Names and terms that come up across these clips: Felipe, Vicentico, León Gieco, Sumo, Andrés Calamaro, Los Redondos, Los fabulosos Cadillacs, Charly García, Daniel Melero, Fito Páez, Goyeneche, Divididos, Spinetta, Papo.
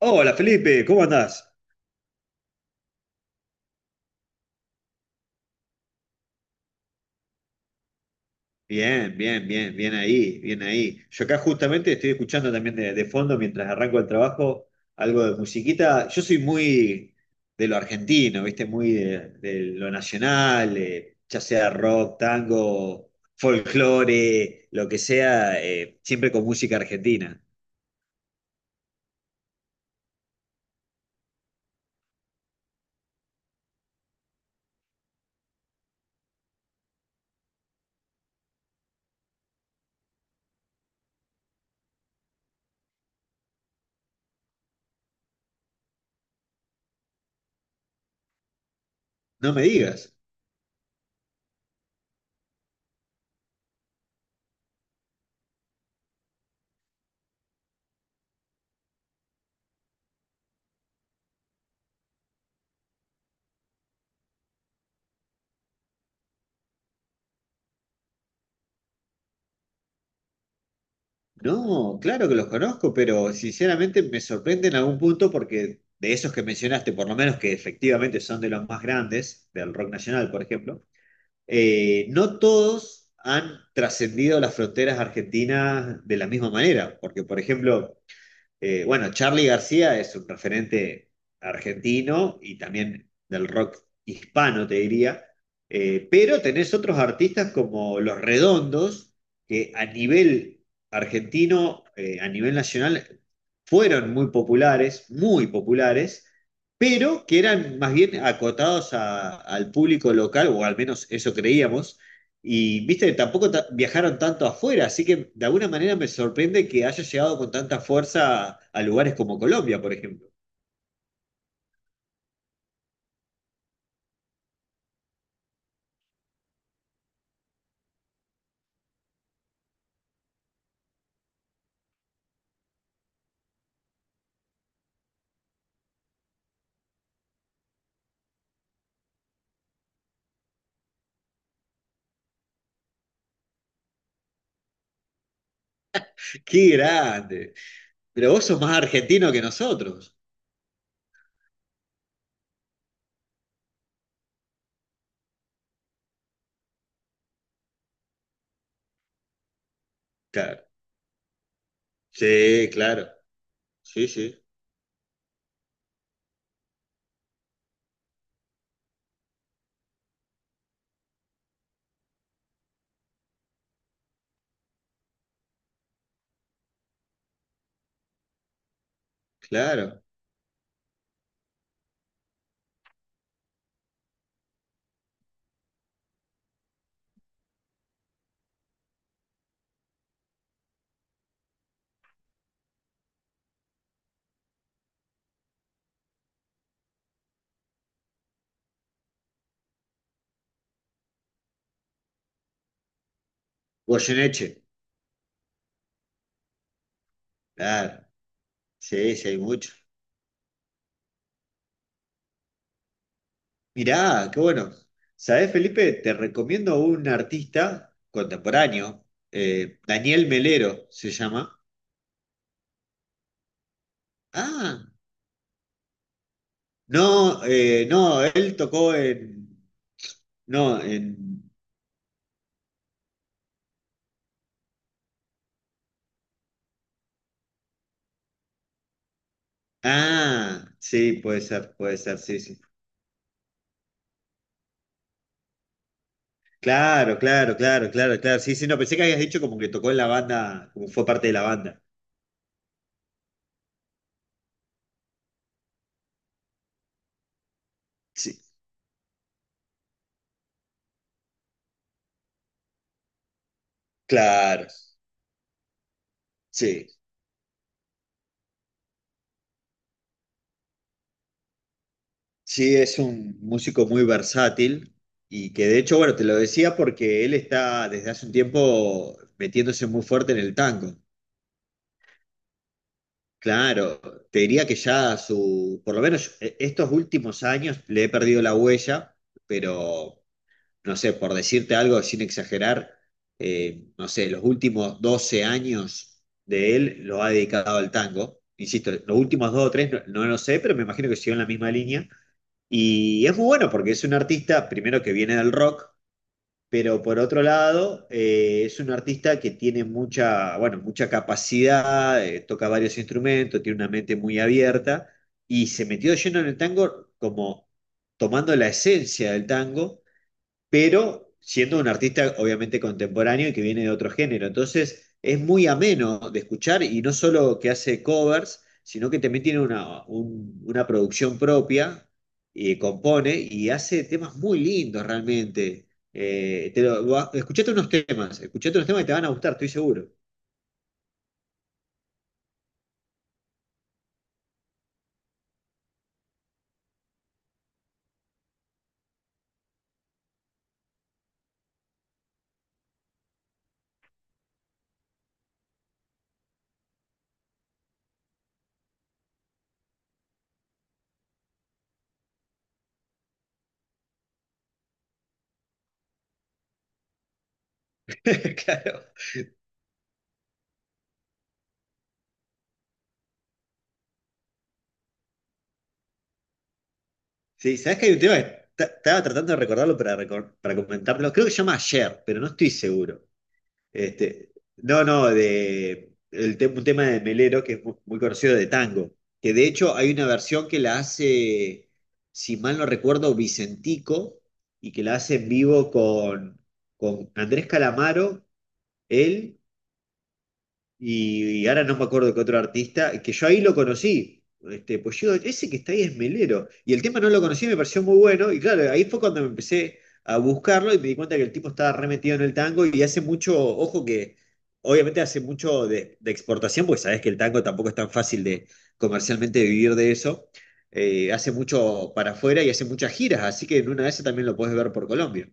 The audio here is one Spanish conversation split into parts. Hola Felipe, ¿cómo andás? Bien, bien, bien, bien ahí, bien ahí. Yo acá justamente estoy escuchando también de fondo mientras arranco el trabajo algo de musiquita. Yo soy muy de lo argentino, ¿viste? Muy de lo nacional, ya sea rock, tango, folclore, lo que sea, siempre con música argentina. No me digas. No, claro que los conozco, pero sinceramente me sorprende en algún punto porque de esos que mencionaste, por lo menos que efectivamente son de los más grandes, del rock nacional, por ejemplo, no todos han trascendido las fronteras argentinas de la misma manera, porque por ejemplo, bueno, Charly García es un referente argentino y también del rock hispano, te diría. Pero tenés otros artistas como Los Redondos, que a nivel argentino, a nivel nacional, fueron muy populares, pero que eran más bien acotados al público local, o al menos eso creíamos y viste, que tampoco viajaron tanto afuera, así que de alguna manera me sorprende que haya llegado con tanta fuerza a lugares como Colombia, por ejemplo. ¡Qué grande! Pero vos sos más argentino que nosotros. Claro. Sí, claro. Sí, sí, claro. Goyeneche. Claro. Sí, sí, hay mucho. Mirá, qué bueno. ¿Sabés, Felipe? Te recomiendo un artista contemporáneo, Daniel Melero se llama. Ah, no, no, él tocó en No, en... Ah, sí, puede ser, sí, sí. Claro, claro, claro, claro, claro. Sí, sí, no, pensé que habías dicho como que tocó en la banda, como fue parte de la banda. Sí, claro, sí. Sí, es un músico muy versátil y que de hecho, bueno, te lo decía porque él está desde hace un tiempo metiéndose muy fuerte en el tango. Claro, te diría que ya su, por lo menos estos últimos años le he perdido la huella, pero... No sé, por decirte algo sin exagerar, no sé, los últimos 12 años de él lo ha dedicado al tango. Insisto, los últimos dos o tres no, no lo sé, pero me imagino que siguió en la misma línea. Y es muy bueno porque es un artista, primero que viene del rock, pero por otro lado, es un artista que tiene mucha, bueno, mucha capacidad, toca varios instrumentos, tiene una mente muy abierta y se metió lleno en el tango como tomando la esencia del tango pero siendo un artista obviamente contemporáneo y que viene de otro género. Entonces es muy ameno de escuchar y no solo que hace covers, sino que también tiene una producción propia, y compone y hace temas muy lindos realmente. Escuchate unos temas, escuchate unos temas que te van a gustar, estoy seguro. Claro. Sí, ¿sabes que hay un tema que estaba tratando de recordarlo para, para comentarlo? Creo que se llama Ayer, pero no estoy seguro. Este, no, no, de el un tema de Melero que es muy, conocido de tango, que de hecho hay una versión que la hace, si mal no recuerdo, Vicentico, y que la hace en vivo con Andrés Calamaro, él y ahora no me acuerdo qué otro artista, que yo ahí lo conocí. Este, pues yo, ese que está ahí es Melero. Y el tema no lo conocí, me pareció muy bueno. Y claro, ahí fue cuando me empecé a buscarlo y me di cuenta que el tipo estaba re metido en el tango y hace mucho, ojo que, obviamente hace mucho de exportación, porque sabes que el tango tampoco es tan fácil de comercialmente vivir de eso. Hace mucho para afuera y hace muchas giras, así que en una de esas también lo puedes ver por Colombia.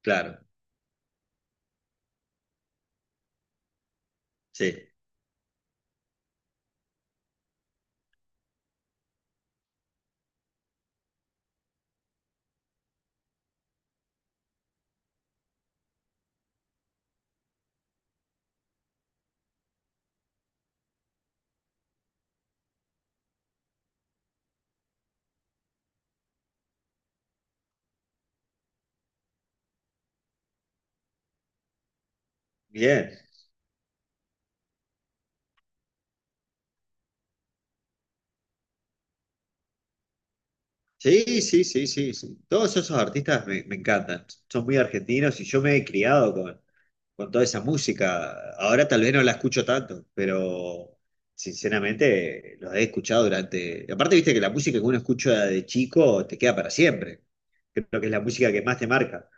Claro, sí. Bien. Sí, sí, sí, sí, sí. Todos esos artistas me encantan. Son muy argentinos y yo me he criado con toda esa música. Ahora tal vez no la escucho tanto, pero sinceramente los he escuchado durante... Aparte, viste que la música que uno escucha de chico te queda para siempre creo que es la música que más te marca.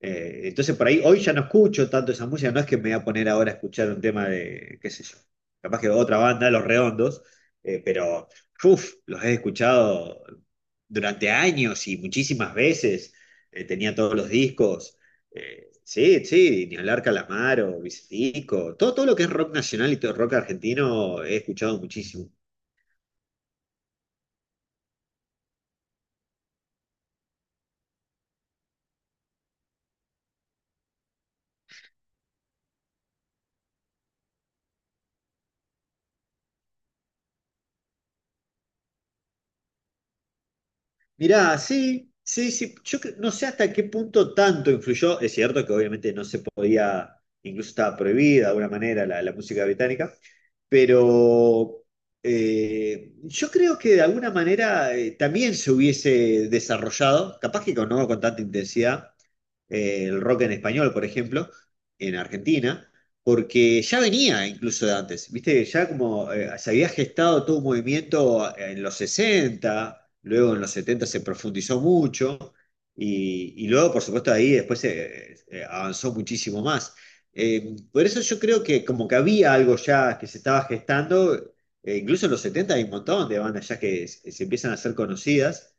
Entonces por ahí hoy ya no escucho tanto esa música, no es que me voy a poner ahora a escuchar un tema de, qué sé yo, capaz que otra banda, Los Redondos, pero uf, los he escuchado durante años y muchísimas veces, tenía todos los discos, sí, sí, ni hablar Calamaro, Vicentico, todo, todo lo que es rock nacional y todo rock argentino he escuchado muchísimo. Mirá, sí, sí, sí. No sé hasta qué punto tanto influyó. Es cierto que obviamente no se podía, incluso estaba prohibida de alguna manera la música británica, pero yo creo que de alguna manera también se hubiese desarrollado, capaz que con, no con tanta intensidad, el rock en español, por ejemplo, en Argentina, porque ya venía incluso de antes, viste, ya como se había gestado todo un movimiento en los 60 luego en los 70 se profundizó mucho, y luego, por supuesto, ahí después avanzó muchísimo más. Por eso yo creo que como que había algo ya que se estaba gestando, incluso en los 70 hay un montón de bandas ya que se empiezan a ser conocidas.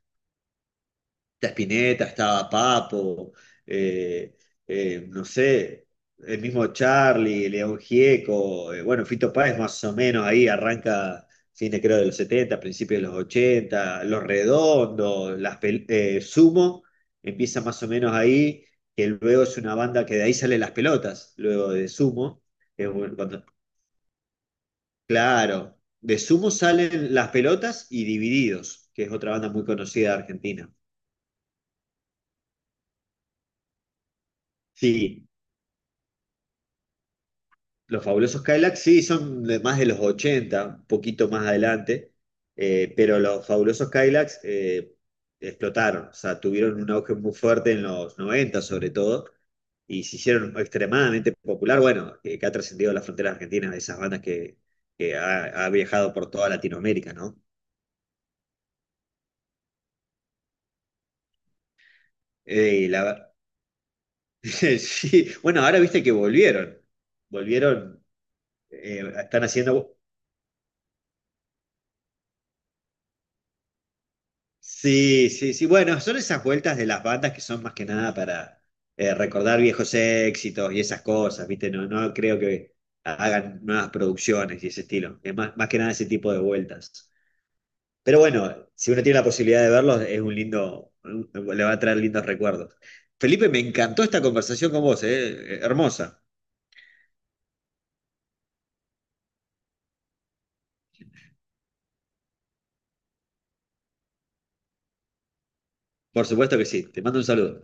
Está Spinetta, estaba Papo, eh, no sé, el mismo Charlie, León Gieco, bueno, Fito Páez más o menos ahí arranca fines creo de los 70 principios de los 80 Los Redondos, Sumo, empieza más o menos ahí, que luego es una banda que de ahí salen las pelotas, luego de Sumo, es un- cuando- claro, de Sumo salen las pelotas y Divididos, que es otra banda muy conocida de Argentina. Sí, los fabulosos Cadillacs, sí, son de más de los 80, un poquito más adelante, pero los fabulosos Cadillacs explotaron, o sea, tuvieron un auge muy fuerte en los 90, sobre todo, y se hicieron extremadamente popular, bueno, que ha trascendido las fronteras argentinas, de esas bandas que ha viajado por toda Latinoamérica, ¿no? Eh, y la- sí, bueno, ahora viste que volvieron, están haciendo Sí, sí, sí. Bueno, son esas vueltas de las bandas que son más que nada para recordar viejos éxitos y esas cosas, ¿viste? No, no creo que hagan nuevas producciones y ese estilo. Es más, más que nada ese tipo de vueltas. Pero bueno, si uno tiene la posibilidad de verlos, es un lindo, le va a traer lindos recuerdos. Felipe, me encantó esta conversación con vos, ¿eh? Hermosa. Por supuesto que sí. Te mando un saludo.